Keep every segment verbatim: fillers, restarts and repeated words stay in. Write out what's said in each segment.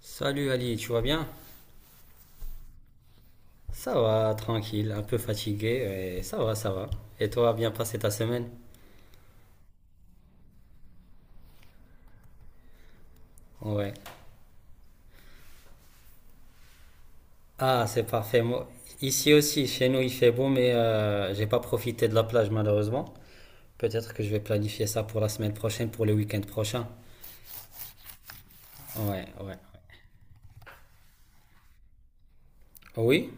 Salut Ali, tu vas bien? Ça va, tranquille, un peu fatigué, et ça va, ça va. Et toi, bien passé ta semaine? Ouais. Ah, c'est parfait. Moi, ici aussi, chez nous, il fait beau, mais euh, j'ai pas profité de la plage malheureusement. Peut-être que je vais planifier ça pour la semaine prochaine, pour le week-end prochain. Ouais, ouais. Oui?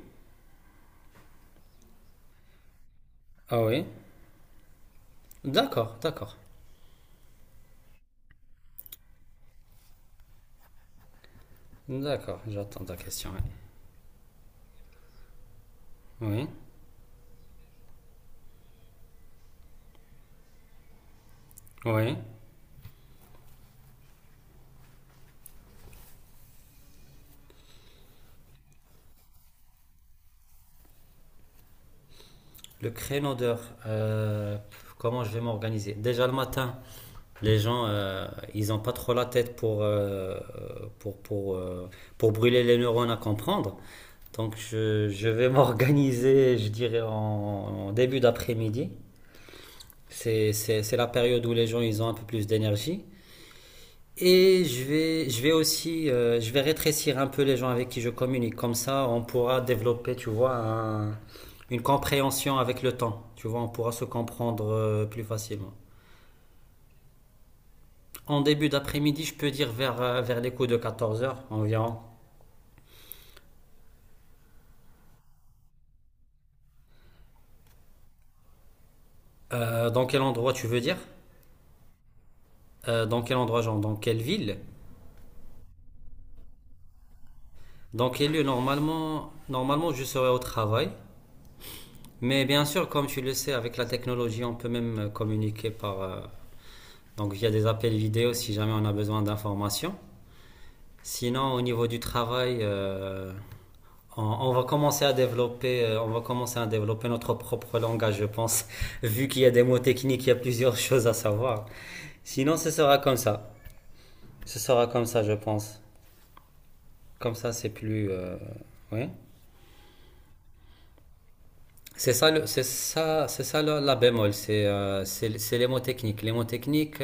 Ah oui? D'accord, d'accord. D'accord, j'attends ta question. Ouais. Oui, oui. Le créneau d'heure, euh, comment je vais m'organiser? Déjà le matin. Les gens, euh, ils n'ont pas trop la tête pour, euh, pour, pour, euh, pour brûler les neurones à comprendre. Donc, je, je vais m'organiser, je dirais, en, en début d'après-midi. C'est, c'est, c'est la période où les gens, ils ont un peu plus d'énergie. Et je vais, je vais aussi, euh, je vais rétrécir un peu les gens avec qui je communique. Comme ça, on pourra développer, tu vois, un- une compréhension avec le temps. Tu vois, on pourra se comprendre euh, plus facilement. En début d'après-midi, je peux dire vers, euh, vers les coups de quatorze heures environ. Euh, dans quel endroit tu veux dire? Euh, Dans quel endroit, genre dans quelle ville? Dans quel lieu? Normalement, normalement, je serai au travail. Mais bien sûr, comme tu le sais, avec la technologie, on peut même euh, communiquer par, euh, donc via des appels vidéo si jamais on a besoin d'informations. Sinon, au niveau du travail, euh, on, on va commencer à développer, euh, on va commencer à développer notre propre langage, je pense, vu qu'il y a des mots techniques, il y a plusieurs choses à savoir. Sinon, ce sera comme ça. Ce sera comme ça, je pense. Comme ça, c'est plus. Euh, oui. C'est ça, le- c'est ça, c'est ça la, la bémol. C'est euh, c'est c'est les mots techniques. Les mots techniques.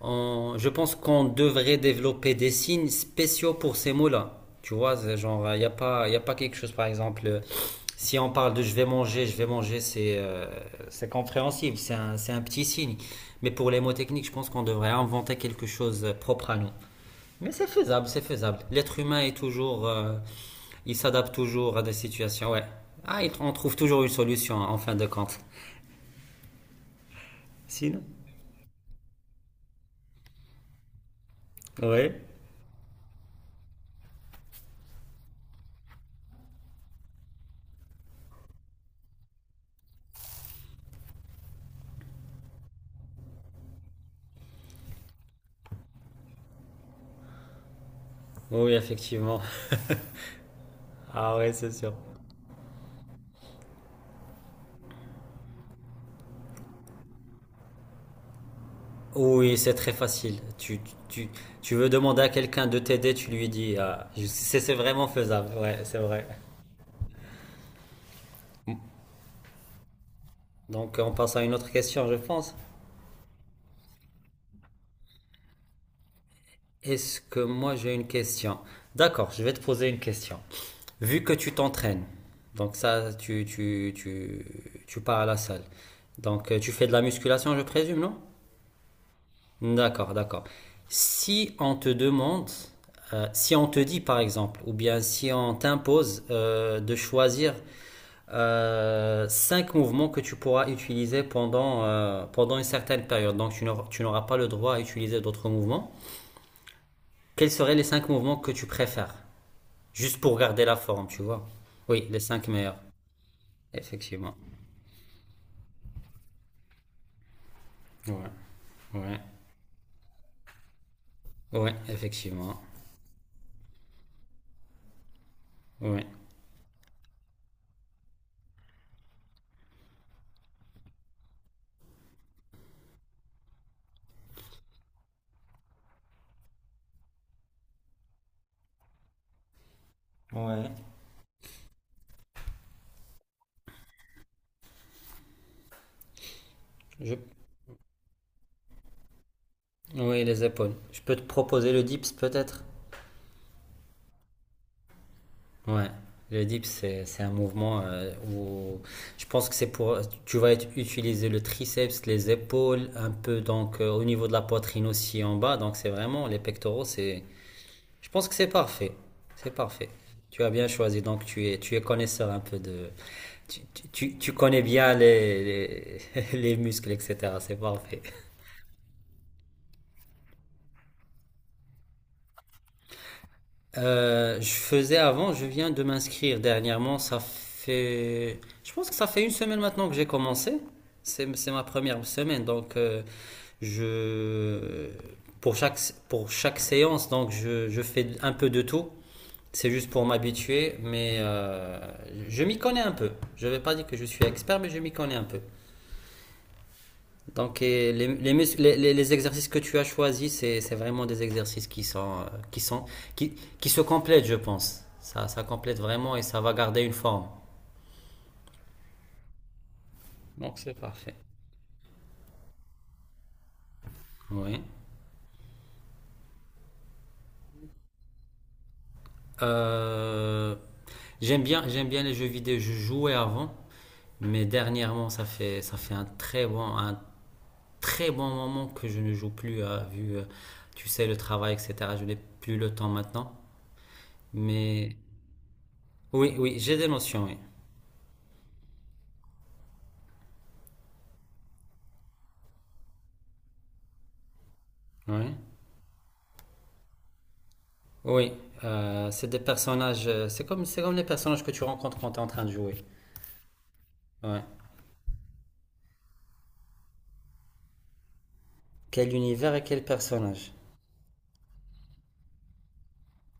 on- Je pense qu'on devrait développer des signes spéciaux pour ces mots-là. Tu vois, c'est genre, il n'y a pas, y a pas quelque chose, par exemple. euh, Si on parle de je vais manger, je vais manger, c'est euh, c'est compréhensible, c'est un, c'est un petit signe. Mais pour les mots techniques, je pense qu'on devrait inventer quelque chose propre à nous. Mais c'est faisable, c'est faisable. L'être humain est toujours, euh, il s'adapte toujours à des situations. Ouais. Ah, il- on trouve toujours une solution hein, en fin de compte. Sinon? Oui. Oui, effectivement. Ah ouais, c'est sûr. Oui, c'est très facile. Tu, tu, tu veux demander à quelqu'un de t'aider, tu lui dis. Ah, je- c'est c'est vraiment faisable. Ouais, c'est vrai. Donc, on passe à une autre question, je pense. Est-ce que moi j'ai une question? D'accord, je vais te poser une question. Vu que tu t'entraînes, donc ça, tu, tu, tu, tu pars à la salle. Donc euh, tu fais de la musculation, je présume, non? D'accord, d'accord. Si on te demande, euh, si on te dit par exemple, ou bien si on t'impose euh, de choisir euh, cinq mouvements que tu pourras utiliser pendant, euh, pendant une certaine période, donc tu n'auras tu n'auras pas le droit à utiliser d'autres mouvements, quels seraient les cinq mouvements que tu préfères? Juste pour garder la forme, tu vois. Oui, les cinq meilleurs, effectivement. Ouais, ouais, ouais, effectivement. Ouais, ouais. Je... ouais, les épaules. Je peux te proposer le dips peut-être? Ouais, le dips, c'est, c'est un mouvement euh, où je pense que c'est pour. Tu vas ut- utiliser le triceps, les épaules, un peu donc euh, au niveau de la poitrine aussi en bas. Donc c'est vraiment les pectoraux, c'est. Je pense que c'est parfait. C'est parfait. Tu as bien choisi, donc tu es, tu es connaisseur un peu de. Tu, tu, tu- tu connais bien les, les, les muscles, et cetera. C'est parfait. Euh, je faisais avant, je viens de m'inscrire dernièrement. Ça fait, je pense que ça fait une semaine maintenant que j'ai commencé. C'est, c'est ma première semaine, donc euh, je, pour chaque, pour chaque séance, donc je, je fais un peu de tout. C'est juste pour m'habituer, mais euh, je m'y connais un peu. Je ne vais pas dire que je suis expert, mais je m'y connais un peu. Donc, et les, les, mus- les- les- les exercices que tu as choisis, c'est, c'est vraiment des exercices qui sont, euh, qui sont, qui, qui se complètent, je pense. Ça, ça complète vraiment et ça va garder une forme. Donc c'est parfait. Oui. Euh, J'aime bien, j'aime bien les jeux vidéo. Je jouais avant, mais dernièrement, ça fait, ça fait un très bon, un très bon moment que je ne joue plus, euh, vu, euh, tu sais, le travail, et cetera. Je n'ai plus le temps maintenant. Mais oui, oui, j'ai des notions, oui. Oui. Oui, euh, c'est des personnages. euh, C'est comme, c'est comme les personnages que tu rencontres quand tu es en train de jouer. Ouais. Quel univers et quel personnage?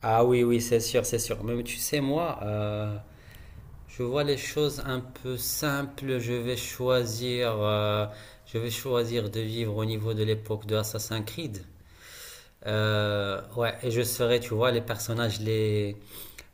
Ah oui, oui, c'est sûr, c'est sûr. Mais tu sais, moi, euh, je vois les choses un peu simples. Je vais choisir, euh, je vais choisir de vivre au niveau de l'époque de Assassin's Creed. Euh, ouais, et je serai, tu vois, les personnages les,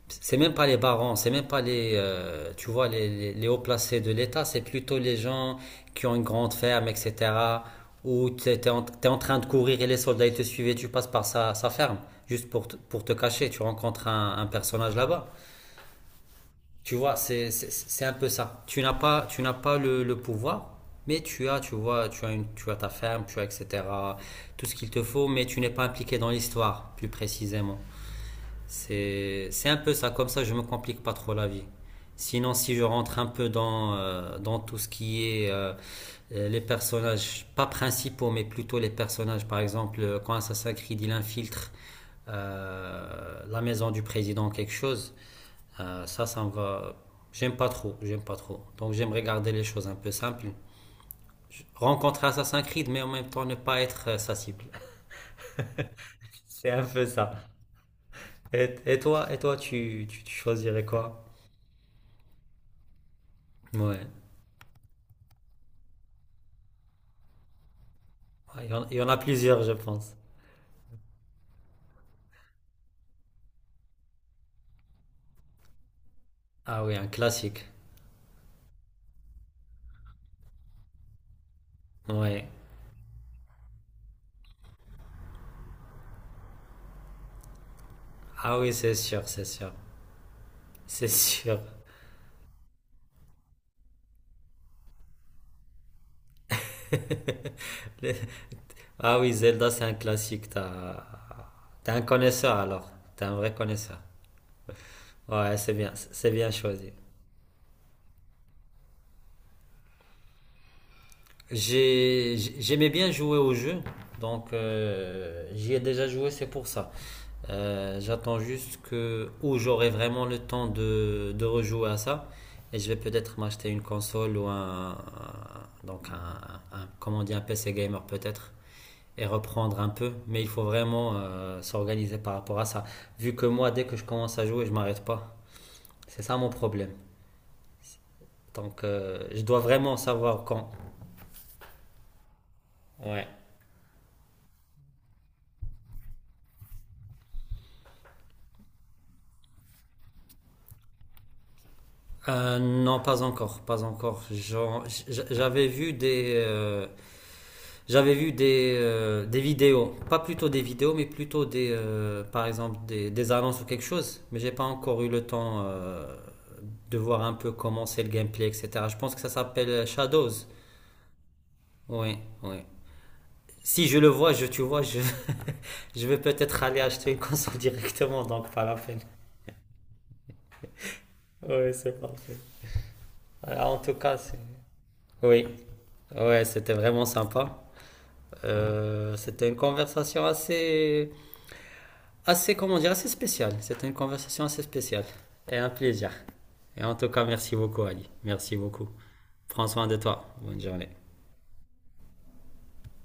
c'est même pas les barons, c'est même pas les, euh, tu vois, les, les, les hauts placés de l'État, c'est plutôt les gens qui ont une grande ferme, et cetera. Où tu es, en t'es en train de courir et les soldats ils te suivent et tu passes par sa, sa ferme, juste pour, te- pour te cacher. Tu rencontres un, un personnage là-bas. Tu vois, c'est c'est- c'est un peu ça. Tu n'as pas, tu n'as pas le, le pouvoir, mais tu as, tu vois, tu as, une, tu as ta ferme, tu as, et cetera. Tout ce qu'il te faut, mais tu n'es pas impliqué dans l'histoire, plus précisément. C'est, c'est un peu ça, comme ça je me complique pas trop la vie. Sinon, si je rentre un peu dans, euh, dans tout ce qui est euh, les personnages, pas principaux, mais plutôt les personnages, par exemple, euh, quand Assassin's Creed il infiltre euh, la maison du président, quelque chose, euh, ça, ça me va. J'aime pas trop, j'aime pas trop. Donc, j'aime regarder les choses un peu simples. Je- Rencontrer Assassin's Creed, mais en même temps ne pas être euh, sa cible. C'est un peu ça. Et, et toi, et toi, tu, tu, tu choisirais quoi? Ouais. Ouais, Il y en il y en a plusieurs, je pense. Ah oui, un classique. Ouais. Ah oui, c'est sûr, c'est sûr. C'est sûr. Les- Ah oui, Zelda, c'est un classique. T'as... T'es un connaisseur alors. T'es un vrai connaisseur. Ouais, c'est bien, c'est bien choisi. J'ai... J'aimais bien jouer au jeu, donc euh, j'y ai déjà joué, c'est pour ça. Euh, j'attends juste que où j'aurai vraiment le temps de, de rejouer à ça et je vais peut-être m'acheter une console ou un, un- donc un, un- comment on dit, un P C gamer peut-être et reprendre un peu. Mais il faut vraiment euh, s'organiser par rapport à ça. Vu que moi, dès que je commence à jouer, je m'arrête pas. C'est ça mon problème. Donc euh, je dois vraiment savoir quand. Ouais. Euh, non, pas encore, pas encore. J'en- j'- J'avais vu des, euh, j'avais vu des, euh, des vidéos, pas plutôt des vidéos, mais plutôt des, euh, par exemple des, des annonces ou quelque chose. Mais j'ai pas encore eu le temps euh, de voir un peu comment c'est le gameplay, et cetera. Je pense que ça s'appelle Shadows. Oui, oui. Si je le vois, je, tu vois, je, je vais peut-être aller acheter une console directement, donc pas la peine. Oui, c'est parfait. Voilà, en tout cas, c'est... Oui, ouais, c'était vraiment sympa. Euh, c'était une conversation assez assez, comment dire, assez spécial. C'était une conversation assez spéciale et un plaisir. Et en tout cas, merci beaucoup, Ali. Merci beaucoup. Prends soin de toi. Bonne journée.